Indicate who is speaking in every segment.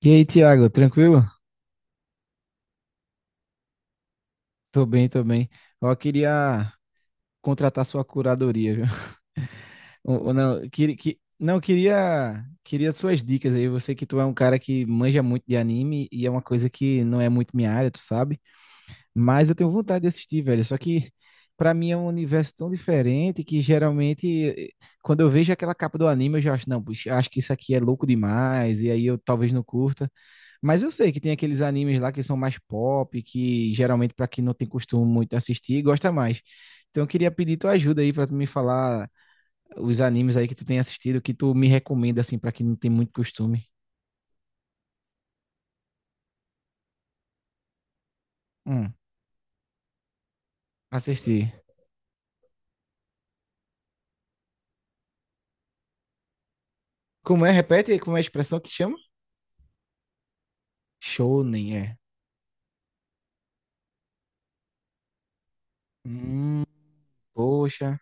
Speaker 1: E aí, Thiago, tranquilo? Tô bem, tô bem. Ó, queria contratar sua curadoria, viu? Ou não, não, queria suas dicas aí. Eu sei que tu é um cara que manja muito de anime e é uma coisa que não é muito minha área, tu sabe? Mas eu tenho vontade de assistir, velho. Só que pra mim é um universo tão diferente que geralmente quando eu vejo aquela capa do anime eu já acho, não, puxa, acho que isso aqui é louco demais e aí eu talvez não curta. Mas eu sei que tem aqueles animes lá que são mais pop, que geralmente para quem não tem costume muito assistir, gosta mais. Então eu queria pedir tua ajuda aí para tu me falar os animes aí que tu tem assistido, que tu me recomenda assim para quem não tem muito costume. Hum, assistir. Como é? Repete, como é a expressão que chama? Shonen, é. Hum, poxa.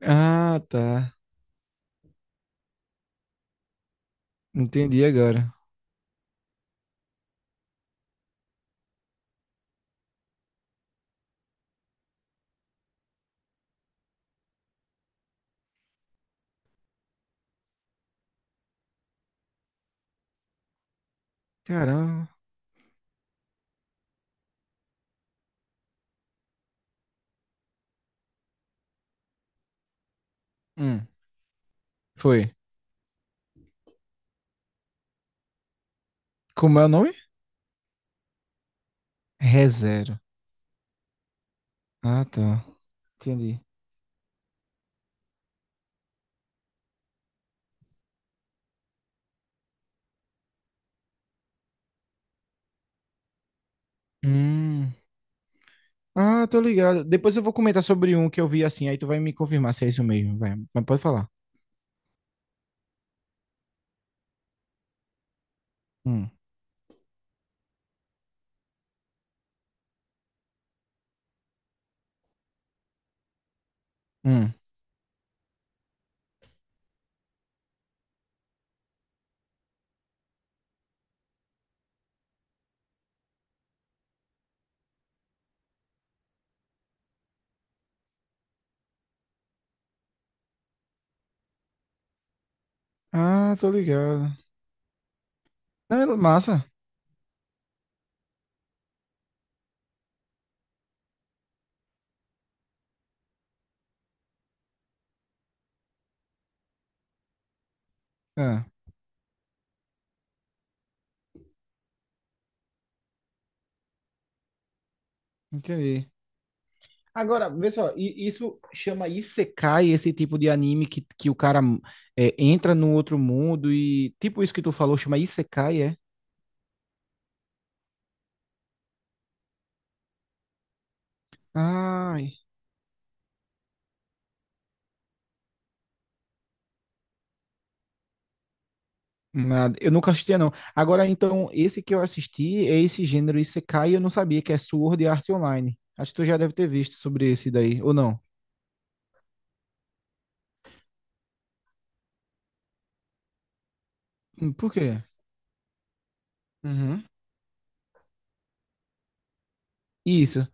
Speaker 1: Ah, tá. Entendi agora. Caramba. Hum, foi. Como é o nome? ReZero. Ah, tá. Entendi. Hum. Ah, tô ligado. Depois eu vou comentar sobre um que eu vi assim, aí tu vai me confirmar se é isso mesmo, vai. Mas pode falar. Hum, hum. Ah, tô ligado. Ah, massa. Ah, entendi. Agora, vê só, isso chama Isekai, esse tipo de anime que o cara entra no outro mundo e tipo isso que tu falou, chama Isekai, é? Ai, nada. Eu nunca assistia, não. Agora, então, esse que eu assisti é esse gênero Isekai, eu não sabia que é Sword Art Online. Acho que tu já deve ter visto sobre esse daí, ou não? Por quê? Uhum. Isso.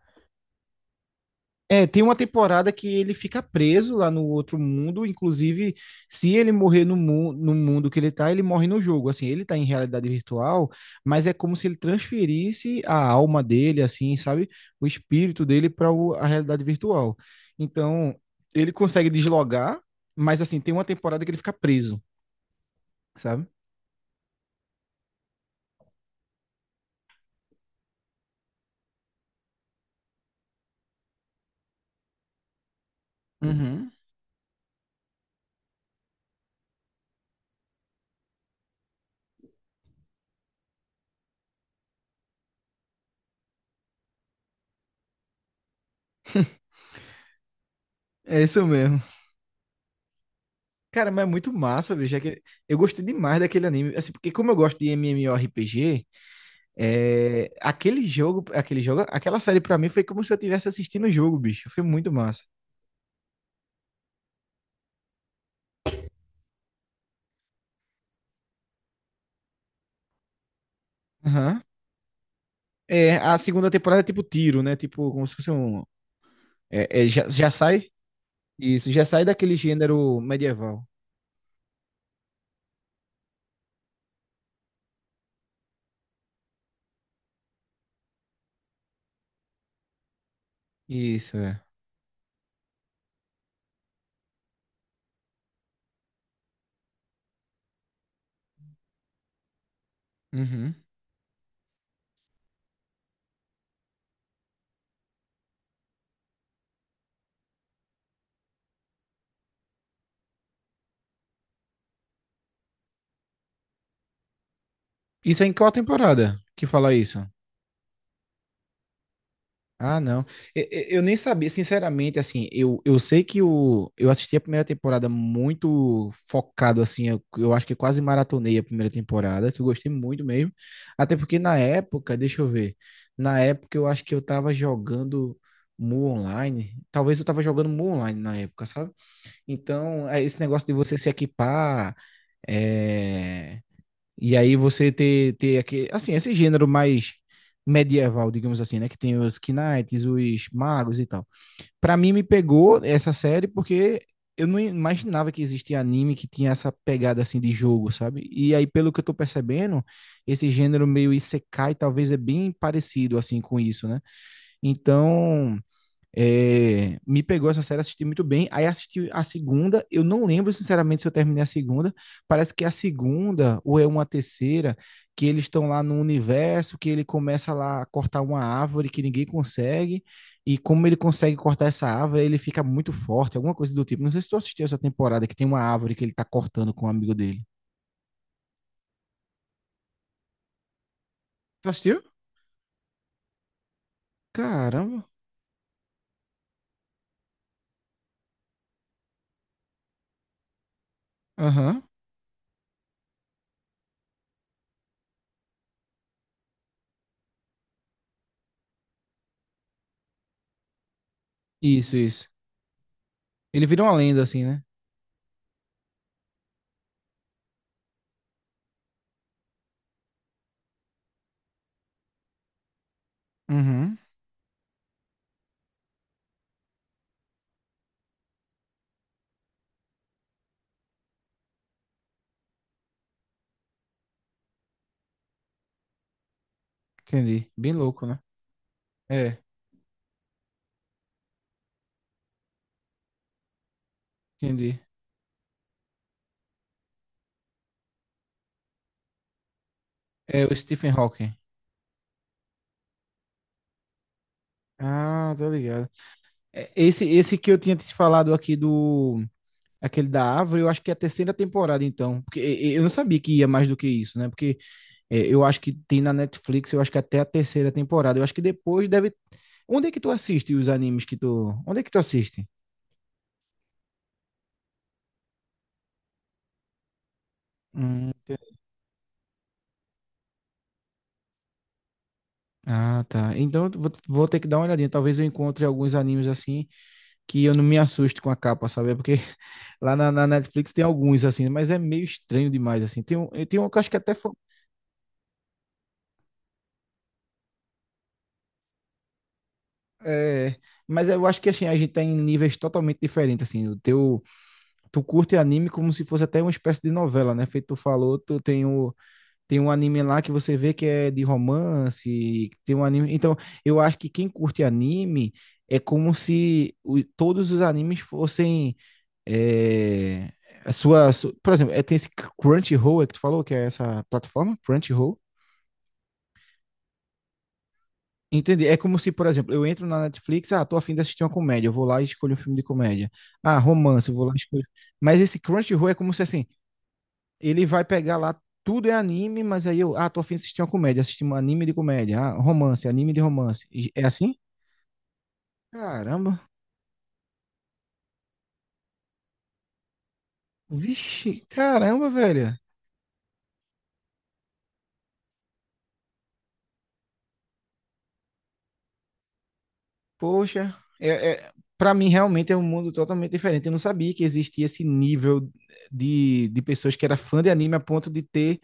Speaker 1: É, tem uma temporada que ele fica preso lá no outro mundo, inclusive, se ele morrer no mundo que ele tá, ele morre no jogo. Assim, ele tá em realidade virtual, mas é como se ele transferisse a alma dele, assim, sabe? O espírito dele para a realidade virtual. Então, ele consegue deslogar, mas assim, tem uma temporada que ele fica preso, sabe? Uhum. É isso mesmo. Cara, mas é muito massa, bicho. É que Eu gostei demais daquele anime. Assim, porque como eu gosto de MMORPG, aquele jogo, aquela série pra mim foi como se eu estivesse assistindo o jogo, bicho. Foi muito massa. Aham. É, a segunda temporada é tipo tiro, né? Tipo, como se fosse um. É, é, já, já sai? Isso, já sai daquele gênero medieval. Isso, é. Uhum. Isso é em qual temporada que fala isso? Ah, não. Eu nem sabia, sinceramente, assim, eu sei que o, eu assisti a primeira temporada muito focado, assim, eu acho que quase maratonei a primeira temporada, que eu gostei muito mesmo. Até porque na época, deixa eu ver, na época eu acho que eu tava jogando Mu Online, talvez eu tava jogando Mu Online na época, sabe? Então, é esse negócio de você se equipar, é... E aí você ter aquele, assim, esse gênero mais medieval, digamos assim, né? Que tem os knights, os magos e tal. Pra mim me pegou essa série porque eu não imaginava que existia anime que tinha essa pegada assim de jogo, sabe? E aí, pelo que eu tô percebendo, esse gênero meio isekai talvez é bem parecido assim com isso, né? Então, me pegou essa série, assisti muito bem. Aí assisti a segunda. Eu não lembro, sinceramente, se eu terminei a segunda. Parece que é a segunda, ou é uma terceira, que eles estão lá no universo, que ele começa lá a cortar uma árvore que ninguém consegue. E como ele consegue cortar essa árvore, ele fica muito forte, alguma coisa do tipo. Não sei se tu assistiu essa temporada que tem uma árvore que ele tá cortando com um amigo dele. Tu assistiu? Caramba. Aham. Isso, isso. Ele vira uma lenda, assim, né? Uhum. Entendi. Bem louco, né? É, entendi. É o Stephen Hawking. Ah, tá ligado. É, esse, que eu tinha te falado aqui do. Aquele da árvore, eu acho que é a terceira temporada, então. Porque eu não sabia que ia mais do que isso, né? Porque é, eu acho que tem na Netflix, eu acho que até a terceira temporada. Eu acho que depois deve. Onde é que tu assiste os animes que tu. Onde é que tu assiste? Hum, Ah, tá. Então eu vou ter que dar uma olhadinha. Talvez eu encontre alguns animes assim que eu não me assusto com a capa, sabe? É porque lá na Netflix tem alguns, assim, mas é meio estranho demais, assim. Tem um que eu acho que é até foi. É, mas eu acho que assim, a gente tá em níveis totalmente diferentes, assim. O teu, tu curte anime como se fosse até uma espécie de novela, né? Feito tu falou, tu tem o, tem um anime lá que você vê que é de romance, tem um anime. Então, eu acho que quem curte anime é como se todos os animes fossem é, a sua, por exemplo, tem esse Crunchyroll é que tu falou, que é essa plataforma, Crunchyroll. Entendi. É como se, por exemplo, eu entro na Netflix, ah, tô a fim de assistir uma comédia, eu vou lá e escolho um filme de comédia. Ah, romance, eu vou lá e escolho. Mas esse Crunchyroll é como se assim, ele vai pegar lá, tudo é anime, mas aí eu, ah, tô afim de assistir uma comédia, assistir um anime de comédia, ah, romance, anime de romance. É assim? Caramba. Vixe, caramba, velho. Poxa, é, é, para mim realmente é um mundo totalmente diferente. Eu não sabia que existia esse nível de pessoas que era fã de anime a ponto de ter,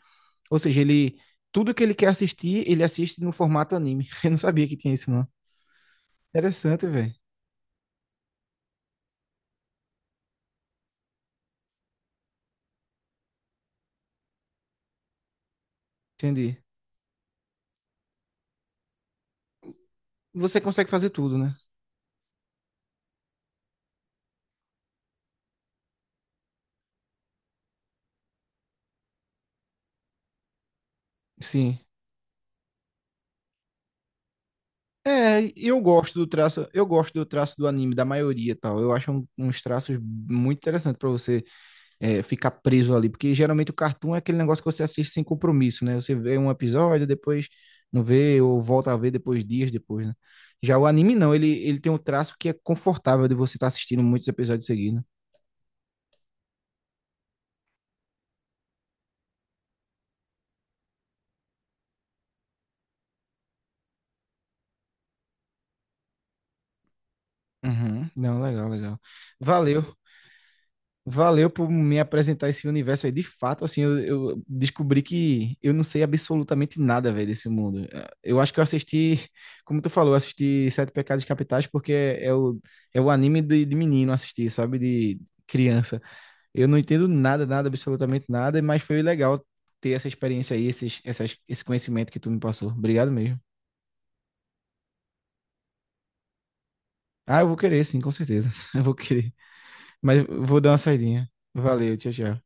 Speaker 1: ou seja, ele tudo que ele quer assistir, ele assiste no formato anime. Eu não sabia que tinha isso, não. Interessante, velho. Entendi. Você consegue fazer tudo, né? Sim. É, eu gosto do traço, eu gosto do traço do anime, da maioria e tal. Eu acho uns traços muito interessantes pra você ficar preso ali, porque geralmente o cartoon é aquele negócio que você assiste sem compromisso, né? Você vê um episódio, depois não vê, ou volta a ver depois, dias depois, né? Já o anime não, ele tem um traço que é confortável de você estar assistindo muitos episódios seguidos. Uhum. Não, legal, legal. Valeu. Valeu por me apresentar esse universo aí. De fato, assim, eu descobri que eu não sei absolutamente nada, velho, desse mundo. Eh, eu acho que eu assisti, como tu falou, eu assisti Sete Pecados Capitais porque é o, é o anime de menino assistir, sabe? De criança. Eu não entendo nada, nada, absolutamente nada, mas foi legal ter essa experiência aí, esse conhecimento que tu me passou. Obrigado mesmo. Ah, eu vou querer, sim, com certeza. Eu vou querer. Mas eu vou dar uma saidinha. Valeu, tchau, tchau.